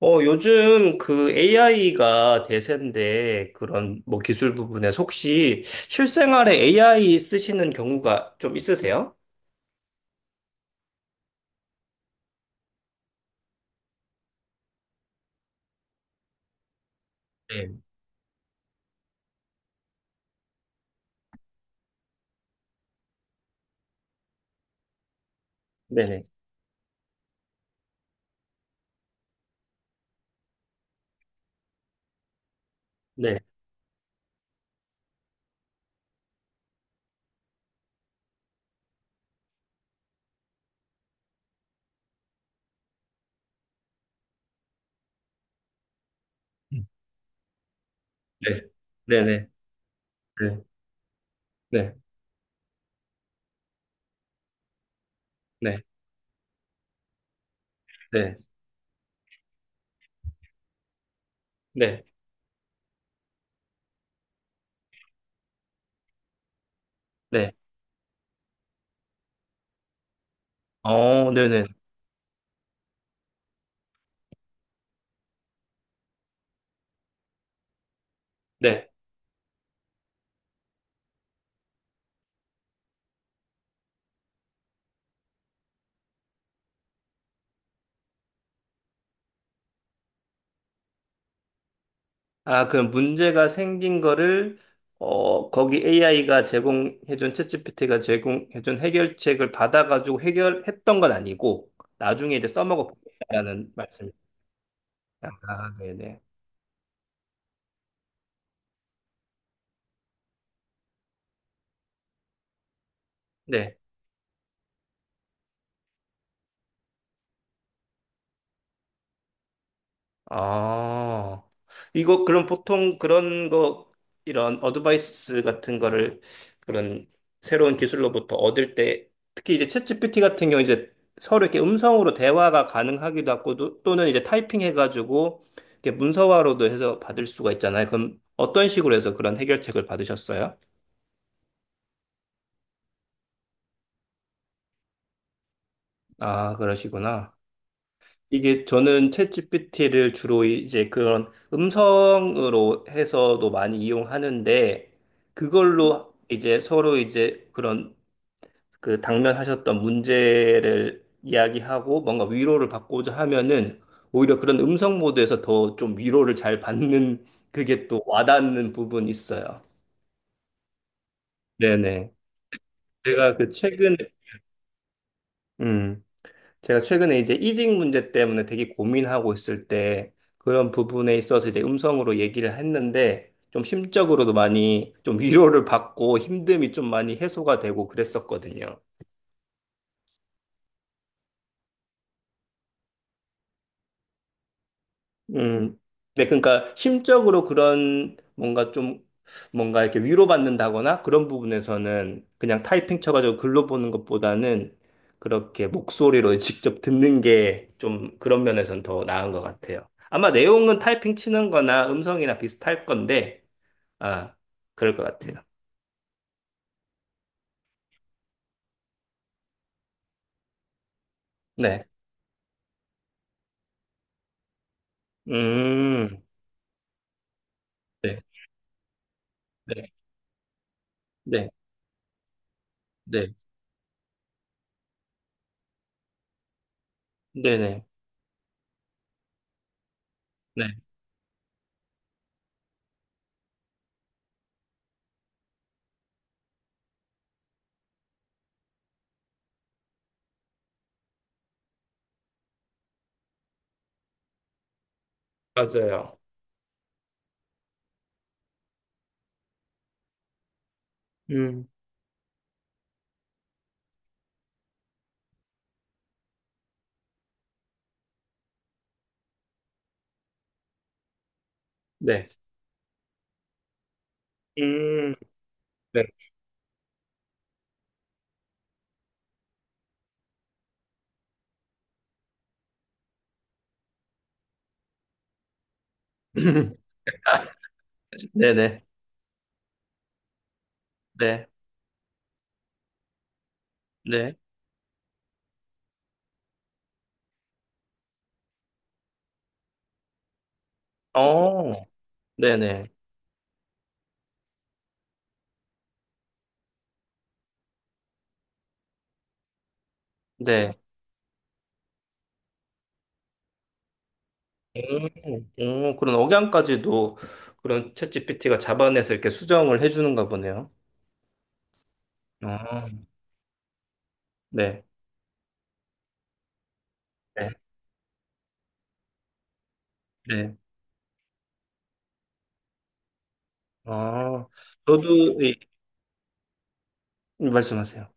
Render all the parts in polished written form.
요즘 그 AI가 대세인데 그런 뭐 기술 부분에서 혹시 실생활에 AI 쓰시는 경우가 좀 있으세요? 네. 네네. 네. 네. 네네. 네. 네. 네. 네. 네. 네. 네네. 네. 네. 아, 그럼 문제가 생긴 거를 거기 AI가 제공해준 챗GPT가 제공해준 해결책을 받아가지고 해결했던 건 아니고 나중에 이제 써먹어 보겠다는 말씀. 아, 네네. 네. 아, 이거 그럼 보통 그런 거, 이런 어드바이스 같은 거를 그런 새로운 기술로부터 얻을 때, 특히 이제 챗GPT 같은 경우 이제 서로 이렇게 음성으로 대화가 가능하기도 하고, 또는 이제 타이핑 해가지고, 이렇게 문서화로도 해서 받을 수가 있잖아요. 그럼 어떤 식으로 해서 그런 해결책을 받으셨어요? 아, 그러시구나. 이게 저는 챗GPT를 주로 이제 그런 음성으로 해서도 많이 이용하는데 그걸로 이제 서로 이제 그런 그 당면하셨던 문제를 이야기하고 뭔가 위로를 받고자 하면은 오히려 그런 음성 모드에서 더 좀 위로를 잘 받는 그게 또 와닿는 부분이 있어요. 네네. 제가 그 최근에 음. 제가 최근에 이제 이직 문제 때문에 되게 고민하고 있을 때 그런 부분에 있어서 이제 음성으로 얘기를 했는데 좀 심적으로도 많이 좀 위로를 받고 힘듦이 좀 많이 해소가 되고 그랬었거든요. 음, 네, 그러니까 심적으로 그런 뭔가 좀 뭔가 이렇게 위로받는다거나 그런 부분에서는 그냥 타이핑 쳐가지고 글로 보는 것보다는 그렇게 목소리로 직접 듣는 게 좀 그런 면에서는 더 나은 것 같아요. 아마 내용은 타이핑 치는 거나 음성이나 비슷할 건데, 아, 그럴 것 같아요. 네. 음, 네, 네, 네, 네, 네, 네, 네, 맞아요. 음, 네. 음, 네. 네네. 네, 네. 그 어, 네네, 네. 그런 억양까지도 그런 챗GPT가 잡아내서 이렇게 수정을 해주는가 보네요. 어, 네, 네, 네. 어, 저도, 이- 말씀하세요.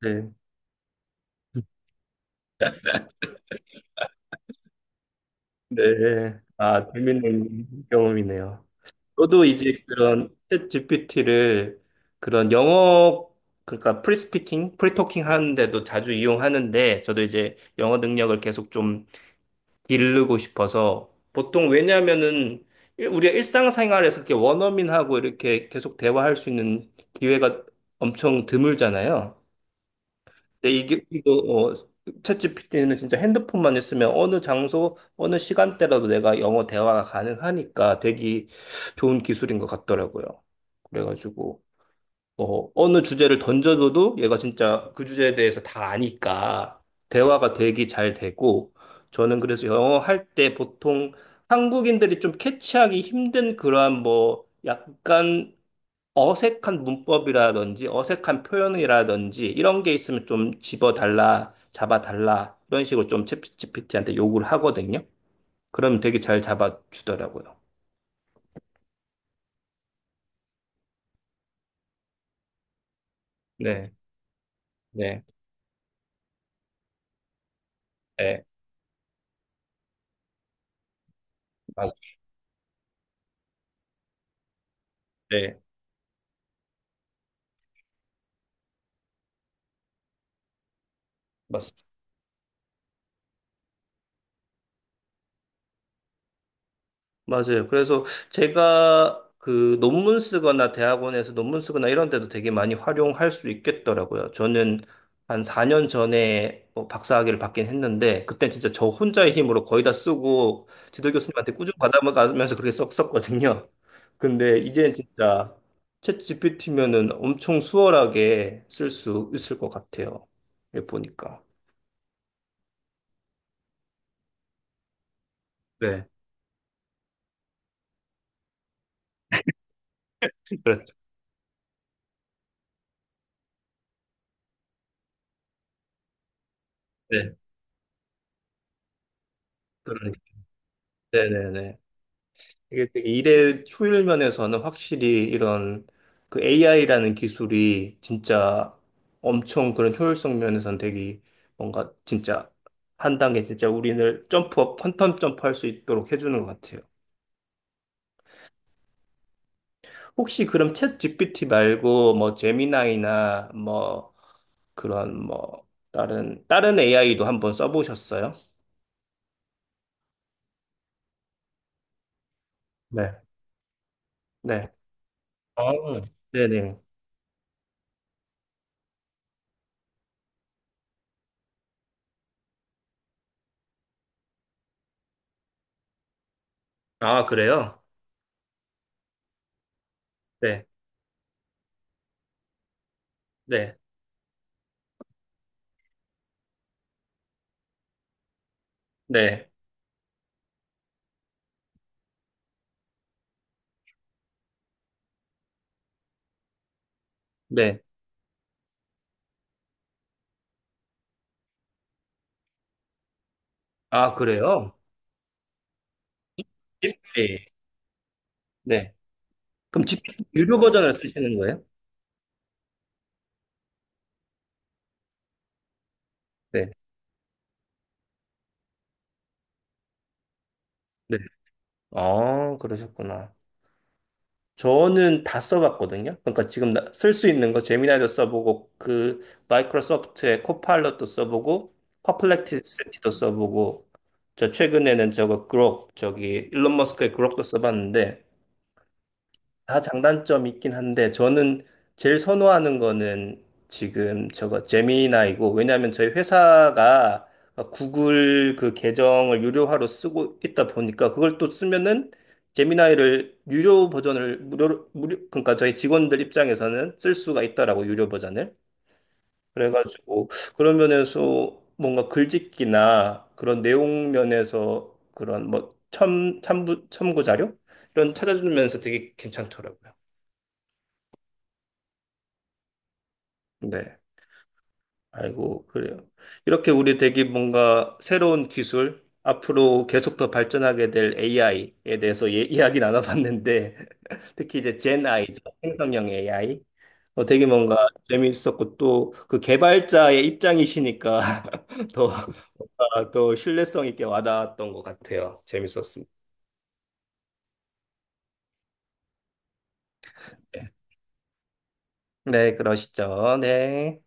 네, 네. 아, 재밌는 경험이네요. 저도 이제 그런 챗GPT를 그런 영어, 그러니까 프리스피킹, 프리토킹 하는데도 자주 이용하는데, 저도 이제 영어 능력을 계속 좀 기르고 싶어서 보통 왜냐면은 우리가 일상생활에서 이렇게 원어민하고 이렇게 계속 대화할 수 있는 기회가 엄청 드물잖아요. 근데 이게 이거 챗 p t 는 진짜 핸드폰만 있으면 어느 장소, 어느 시간대라도 내가 영어 대화가 가능하니까 되게 좋은 기술인 것 같더라고요. 그래가지고 어, 어느 주제를 던져줘도 얘가 진짜 그 주제에 대해서 다 아니까 대화가 되게 잘 되고 저는 그래서 영어 할 때 보통 한국인들이 좀 캐치하기 힘든 그러한 뭐 약간 어색한 문법이라든지 어색한 표현이라든지 이런 게 있으면 좀 집어달라, 잡아달라 이런 식으로 좀 챗 g 피티한테 요구를 하거든요. 그러면 되게 잘 잡아주더라고요. 네, 네, 네, 맞, 네, 맞습니다. 맞아요. 그래서 제가 그 논문 쓰거나 대학원에서 논문 쓰거나 이런 데도 되게 많이 활용할 수 있겠더라고요. 저는 한 4년 전에 뭐 박사학위를 받긴 했는데 그때 진짜 저 혼자의 힘으로 거의 다 쓰고 지도 교수님한테 꾸준히 받아가면서 그렇게 썼었거든요. 근데 이제는 진짜 챗 GPT면은 엄청 수월하게 쓸 수 있을 것 같아요. 이렇게 보니까. 네. 그렇죠. 네. 그러니까. 네네네. 이게 되게 일의 효율 면에서는 확실히 이런 그 AI라는 기술이 진짜 엄청 그런 효율성 면에서는 되게 뭔가 진짜 한 단계 진짜 우리를 점프업, 퀀텀 점프할 수 있도록 해주는 것 같아요. 혹시 그럼 챗 GPT 말고 뭐 제미나이나 뭐 그런 뭐 다른 AI도 한번 써보셨어요? 네. 네. 아, 네네. 아, 그래요? 네. 네. 네. 네. 아, 그래요? 네. 네. 그럼 집 유료 버전을 쓰시는 거예요? 네. 네. 아, 그러셨구나. 저는 다 써봤거든요. 그러니까 지금 쓸 수 있는 거 제미나이도 써보고 그 마이크로소프트의 코파일럿도 써보고 퍼플렉시티도 써보고 저 최근에는 저거 그록 저기 일론 머스크의 그록도 써봤는데 다 장단점이 있긴 한데 저는 제일 선호하는 거는 지금 저거 제미나이고 왜냐하면 저희 회사가 구글 그 계정을 유료화로 쓰고 있다 보니까 그걸 또 쓰면은 제미나이를 유료 버전을 무료 그러니까 저희 직원들 입장에서는 쓸 수가 있다라고 유료 버전을 그래가지고 그런 면에서 뭔가 글짓기나 그런 내용 면에서 그런 뭐 첨부 자료 이런 찾아주면서 되게 괜찮더라고요. 네. 아이고, 그래요. 이렇게 우리 되게 뭔가 새로운 기술, 앞으로 계속 더 발전하게 될 AI에 대해서 예, 이야기 나눠봤는데, 특히 이제 젠 아이죠. 생성형 AI. 어, 되게 뭔가 재미있었고, 또 그 개발자의 입장이시니까 더, 더 신뢰성 있게 와닿았던 것 같아요. 재밌었습니다. 네, 네, 그러시죠. 네.